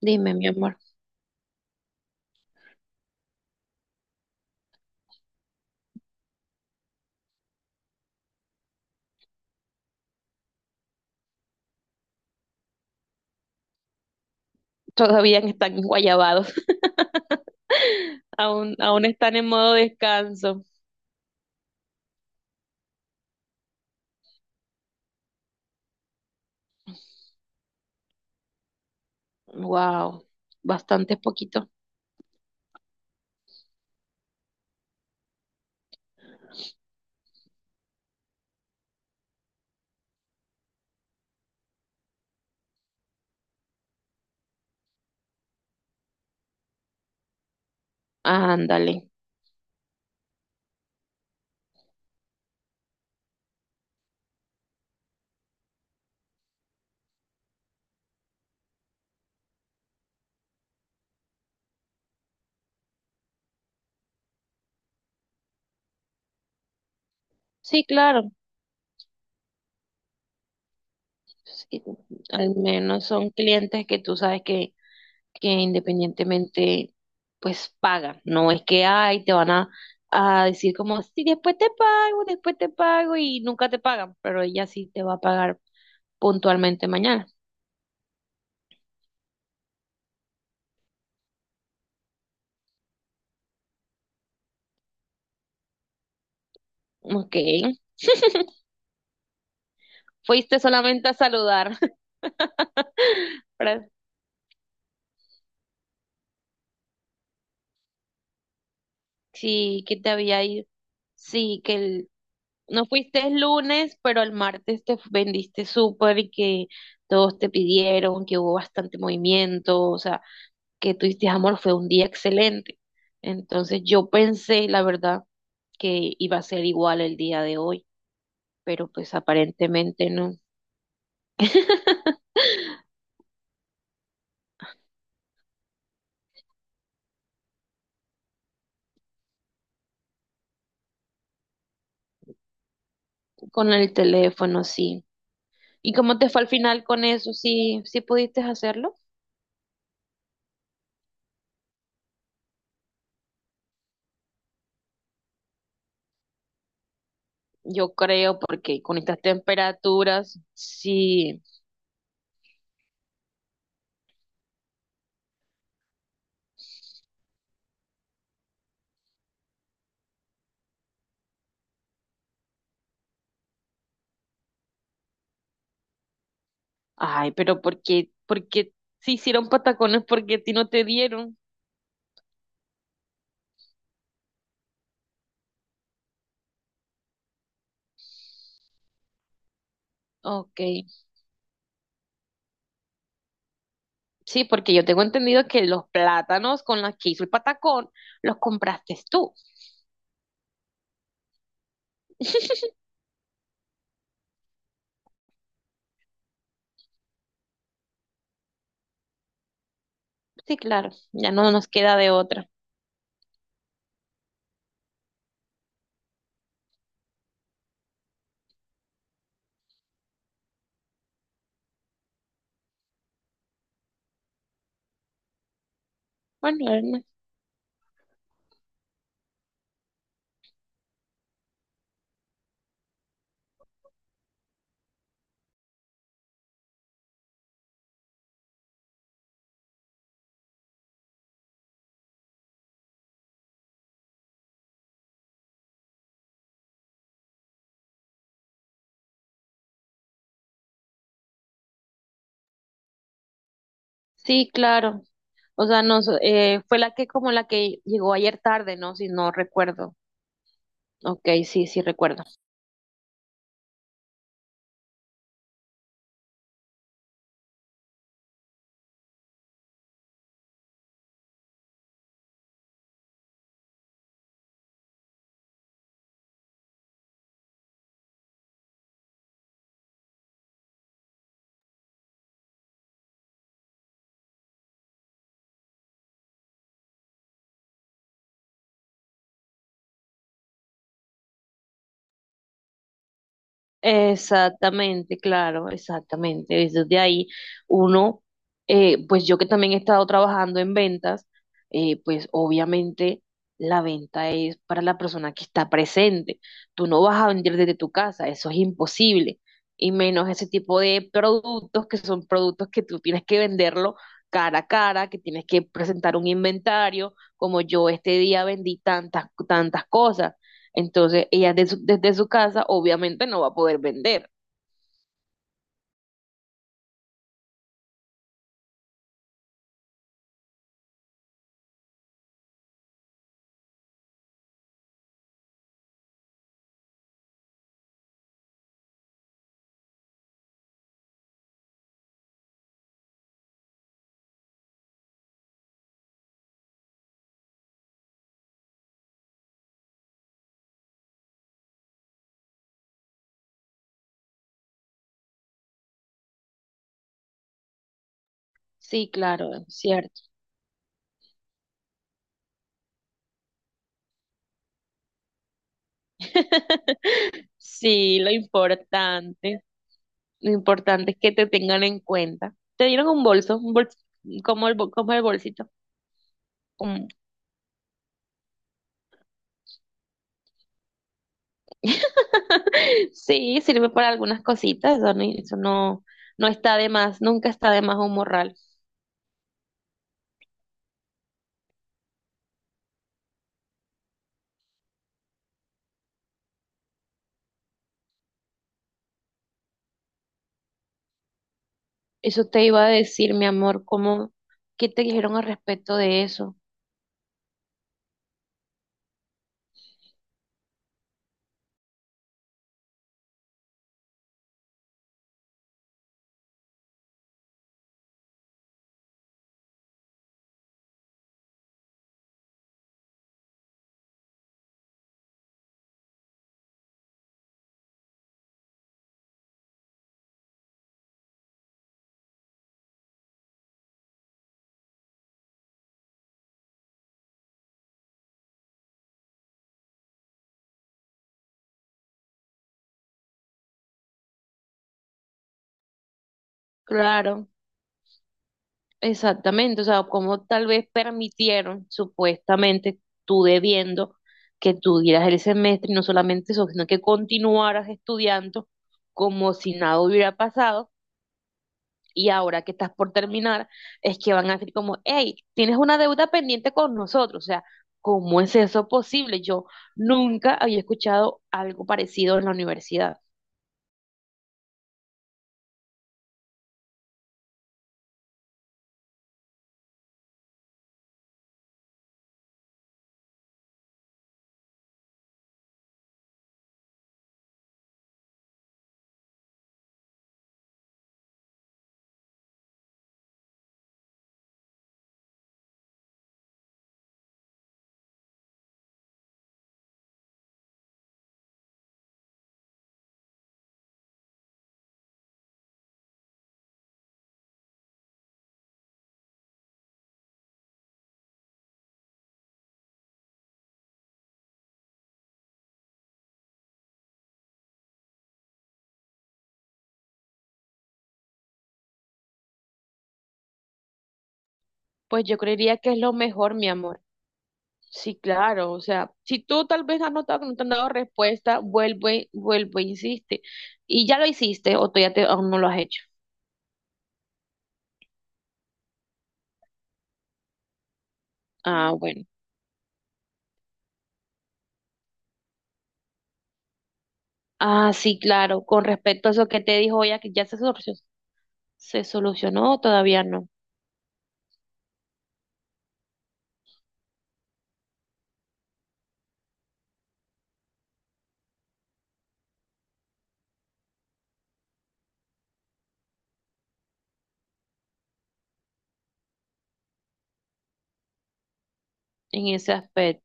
Dime, mi amor, todavía están guayabados. Aún están en modo descanso. Wow, bastante poquito. Ándale. Sí, claro. Sí, al menos son clientes que tú sabes que independientemente, pues pagan. No es que, ay, te van a decir como, sí, después te pago y nunca te pagan, pero ella sí te va a pagar puntualmente mañana. Ok, fuiste solamente a saludar. Para... Sí, que te había ido. Sí, que el- no fuiste el lunes, pero el martes te vendiste súper y que todos te pidieron, que hubo bastante movimiento, o sea, que tuviste amor, fue un día excelente. Entonces yo pensé, la verdad, que iba a ser igual el día de hoy, pero pues aparentemente no. Con el teléfono, sí. ¿Y cómo te fue al final con eso? ¿Sí, sí pudiste hacerlo? Yo creo porque con estas temperaturas, sí. Ay, pero por qué si hicieron patacones porque a ti no te dieron? Ok. Sí, porque yo tengo entendido que los plátanos con los que hizo el patacón los compraste tú. Sí, claro. Ya no nos queda de otra. Bueno, Ernesto, sí, claro. O sea, nos, fue la que como la que llegó ayer tarde, ¿no? Si no recuerdo. Ok, sí, sí recuerdo. Exactamente, claro, exactamente. Desde ahí uno, pues yo que también he estado trabajando en ventas, pues obviamente la venta es para la persona que está presente. Tú no vas a vender desde tu casa, eso es imposible. Y menos ese tipo de productos que son productos que tú tienes que venderlo cara a cara, que tienes que presentar un inventario, como yo este día vendí tantas, tantas cosas. Entonces, ella de su- desde su casa obviamente no va a poder vender. Sí, claro, es cierto. Sí, lo importante es que te tengan en cuenta. Te dieron un bolso, como el, bol- como el bolsito. Como... Sí, sirve para algunas cositas, eso no, no está de más, nunca está de más un morral. Eso te iba a decir, mi amor, ¿cómo, qué te dijeron al respecto de eso? Claro. Exactamente, o sea, como tal vez permitieron supuestamente tú debiendo que tú dieras el semestre y no solamente eso, sino que continuaras estudiando como si nada hubiera pasado y ahora que estás por terminar es que van a decir como, hey, tienes una deuda pendiente con nosotros, o sea, ¿cómo es eso posible? Yo nunca había escuchado algo parecido en la universidad. Pues yo creería que es lo mejor, mi amor. Sí, claro, o sea, si tú tal vez has notado que no te han dado respuesta, vuelve, vuelve, insiste. Y ya lo hiciste o tú ya te, aún no lo has hecho. Ah, bueno. Ah, sí, claro, con respecto a eso que te dijo ella, que ya se solucionó, o todavía no, en ese aspecto.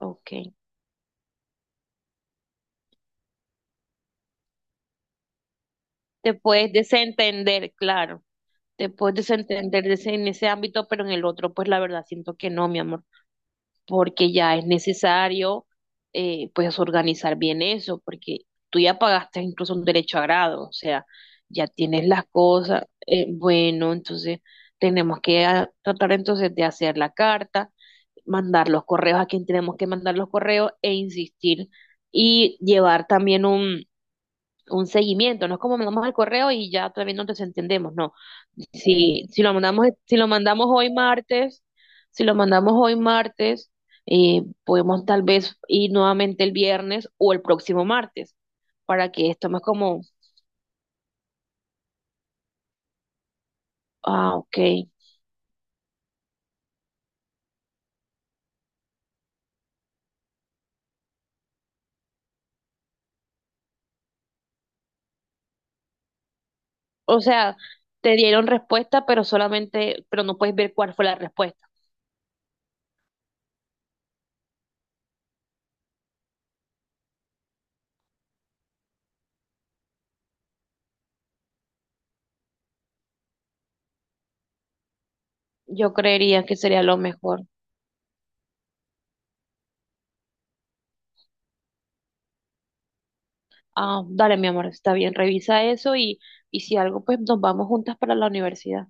Ok. Te puedes desentender, claro, te puedes desentender de ese- en ese ámbito, pero en el otro, pues la verdad siento que no, mi amor, porque ya es necesario, pues organizar bien eso, porque tú ya pagaste incluso un derecho a grado, o sea, ya tienes las cosas, bueno, entonces tenemos que ah, tratar entonces de hacer la carta, mandar los correos a quien tenemos que mandar los correos e insistir y llevar también un seguimiento, no es como mandamos el correo y ya todavía no nos entendemos, no. Si, si lo mandamos, si lo mandamos hoy martes, si lo mandamos hoy martes, podemos tal vez ir nuevamente el viernes o el próximo martes, para que esto más como, ah, ok. O sea, te dieron respuesta, pero solamente, pero no puedes ver cuál fue la respuesta. Yo creería que sería lo mejor. Ah, dale, mi amor, está bien, revisa eso y si algo, pues nos vamos juntas para la universidad.